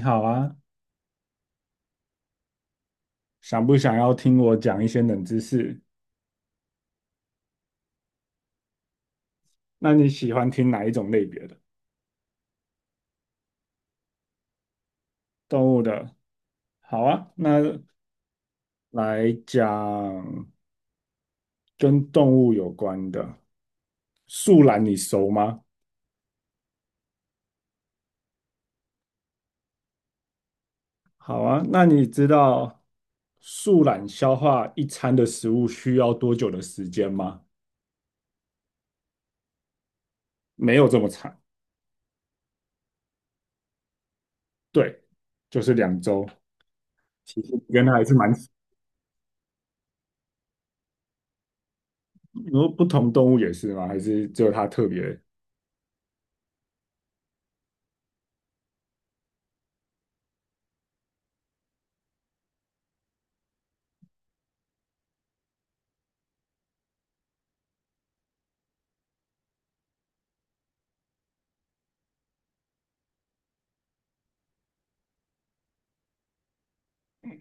你好啊，想不想要听我讲一些冷知识？那你喜欢听哪一种类别的？动物的？好啊，那来讲跟动物有关的。树懒你熟吗？好啊，那你知道树懒消化一餐的食物需要多久的时间吗？没有这么长，对，就是2周。其实你跟它还是蛮，你说不同动物也是吗？还是只有它特别？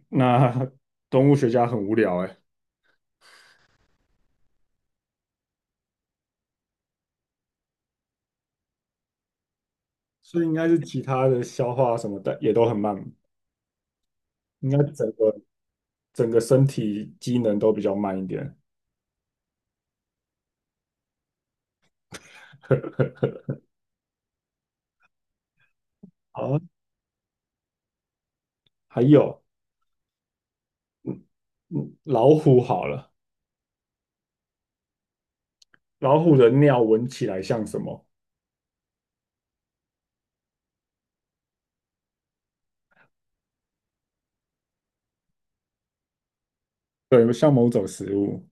那 动物学家很无聊哎，所以应该是其他的消化什么的也都很慢，应该整个身体机能都比较慢一点。好啊，还有，嗯老虎好了，老虎的尿闻起来像什么？对，像某种食物。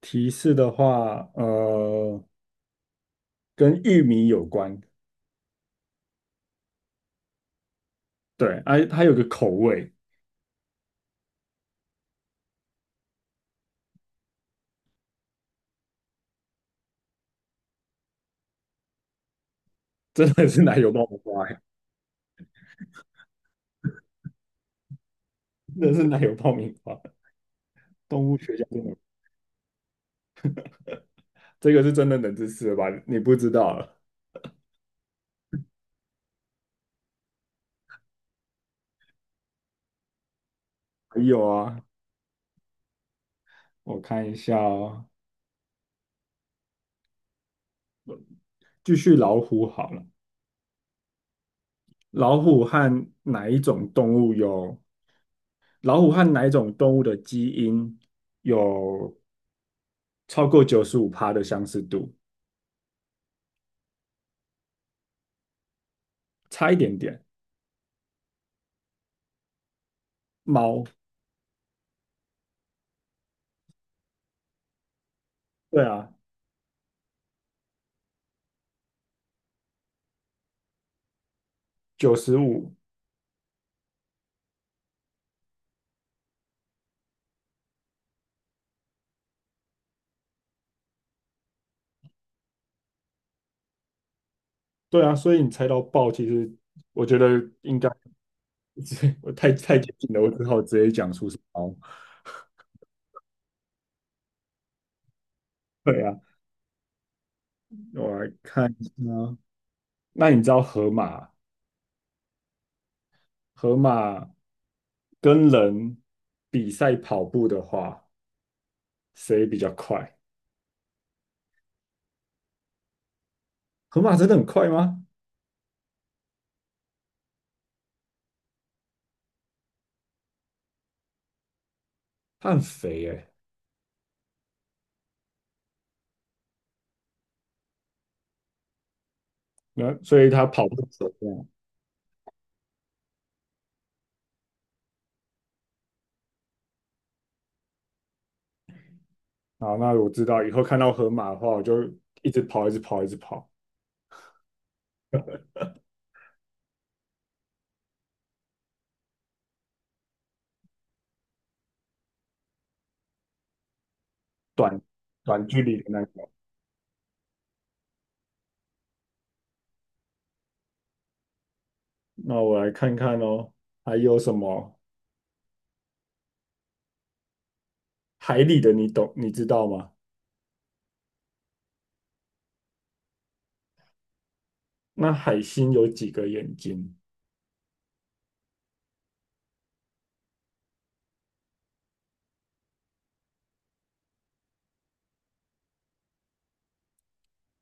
提示的话，跟玉米有关。对，哎、它有个口味，真的是奶油爆米花欸，真的是奶油爆米花。动物学家真的，这个是真的冷知识了吧？你不知道啊。还有啊，我看一下哦，继续老虎好了。老虎和哪一种动物有？老虎和哪一种动物的基因有超过95%的相似度？差一点点。猫，对啊，九十五，对啊，所以你猜到豹，其实我觉得应该 我太接近了，我只好直接讲出是猫。对啊，我来看一下哦。那你知道河马？河马跟人比赛跑步的话，谁比较快？河马真的很快吗？它很肥诶、那所以它跑步怎么样？好，那我知道以后看到河马的话，我就一直跑，一直跑，一直跑，短短距离的那种。那我来看看哦，还有什么海里的你知道吗？那海星有几个眼睛？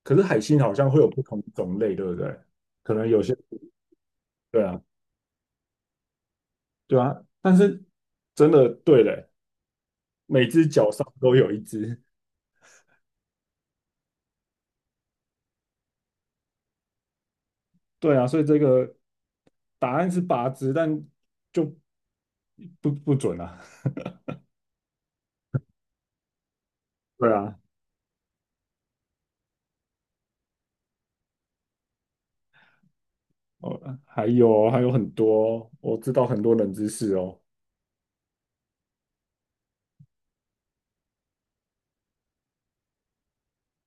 可是海星好像会有不同种类，对不对？可能有些对啊，对啊，但是真的对嘞，每只脚上都有一只。对啊，所以这个答案是8只，但就不准啊。对啊，哦，还有哦还有很多哦，我知道很多冷知识哦。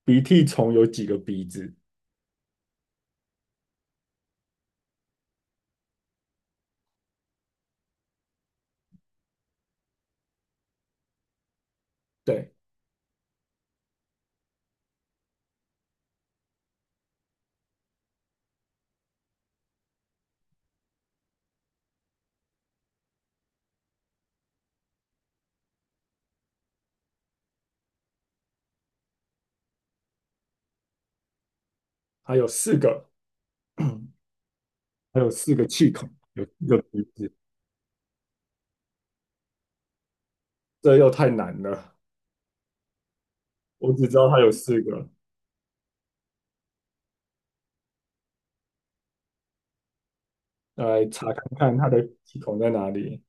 鼻涕虫有几个鼻子？对，还有四个，还有四个气孔，有四个鼻子，这又太难了。我只知道它有四个，来查看看它的气孔在哪里，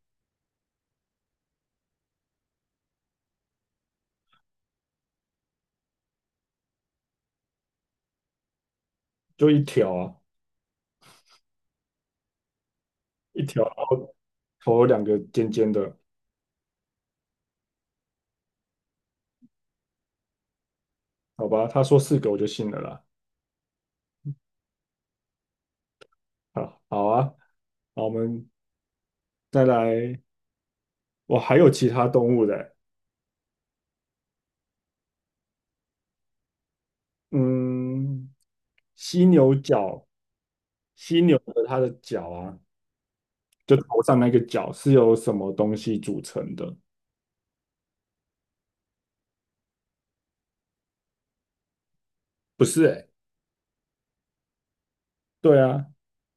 就一条啊，一条。头有两个尖尖的，好吧？他说四个我就信了啦。好好啊，好，我们再来，我还有其他动物的，嗯，犀牛角，犀牛的它的角啊，就头上那个角是由什么东西组成的？不是欸，对啊，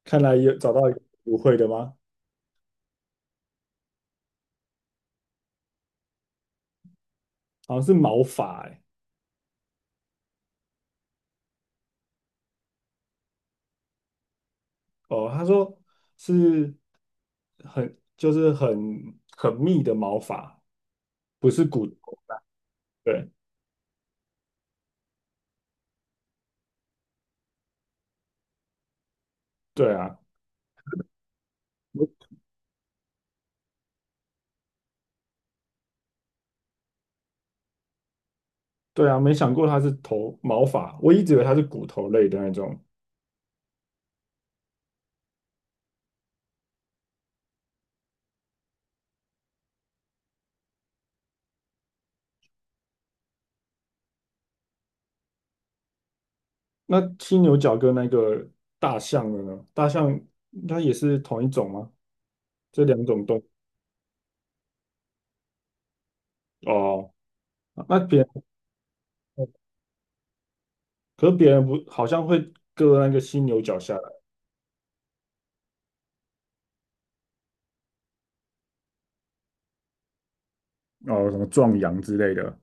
看来有找到一个不会的吗？好像是毛发欸，哦，他说是很就是很很密的毛发，不是骨头，对对啊。对啊，没想过它是头毛发，我一直以为它是骨头类的那种。那犀牛角跟那个大象的呢？大象它也是同一种吗？这两种动物哦，那别人可是别人不好像会割那个犀牛角下来，哦，什么壮阳之类的，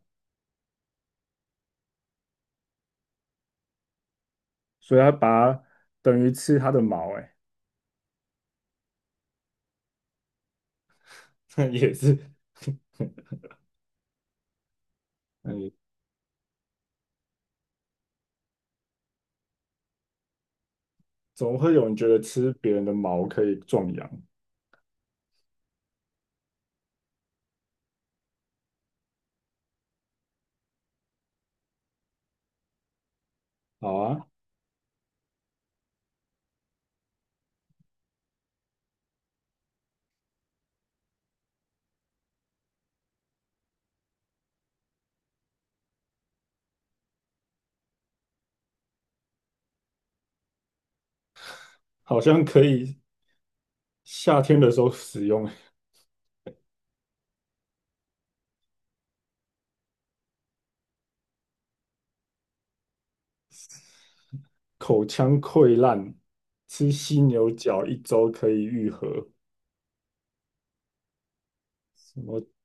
所以它把它等于吃它的毛、欸哎，也是，嗯，总会有人觉得吃别人的毛可以壮阳？好啊，好像可以夏天的时候使用。口腔溃烂，吃犀牛角1周可以愈合。我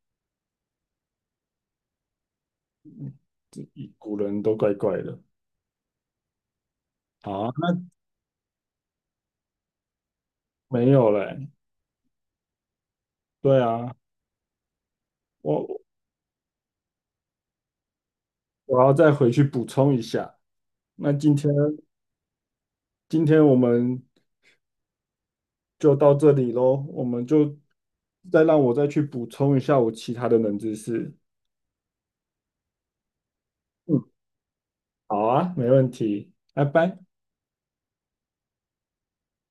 古人都怪怪的。好啊，那没有嘞。对啊，我我要再回去补充一下。那今天我们就到这里喽，我们就再让我再去补充一下我其他的冷知识。嗯，好啊，没问题，拜拜。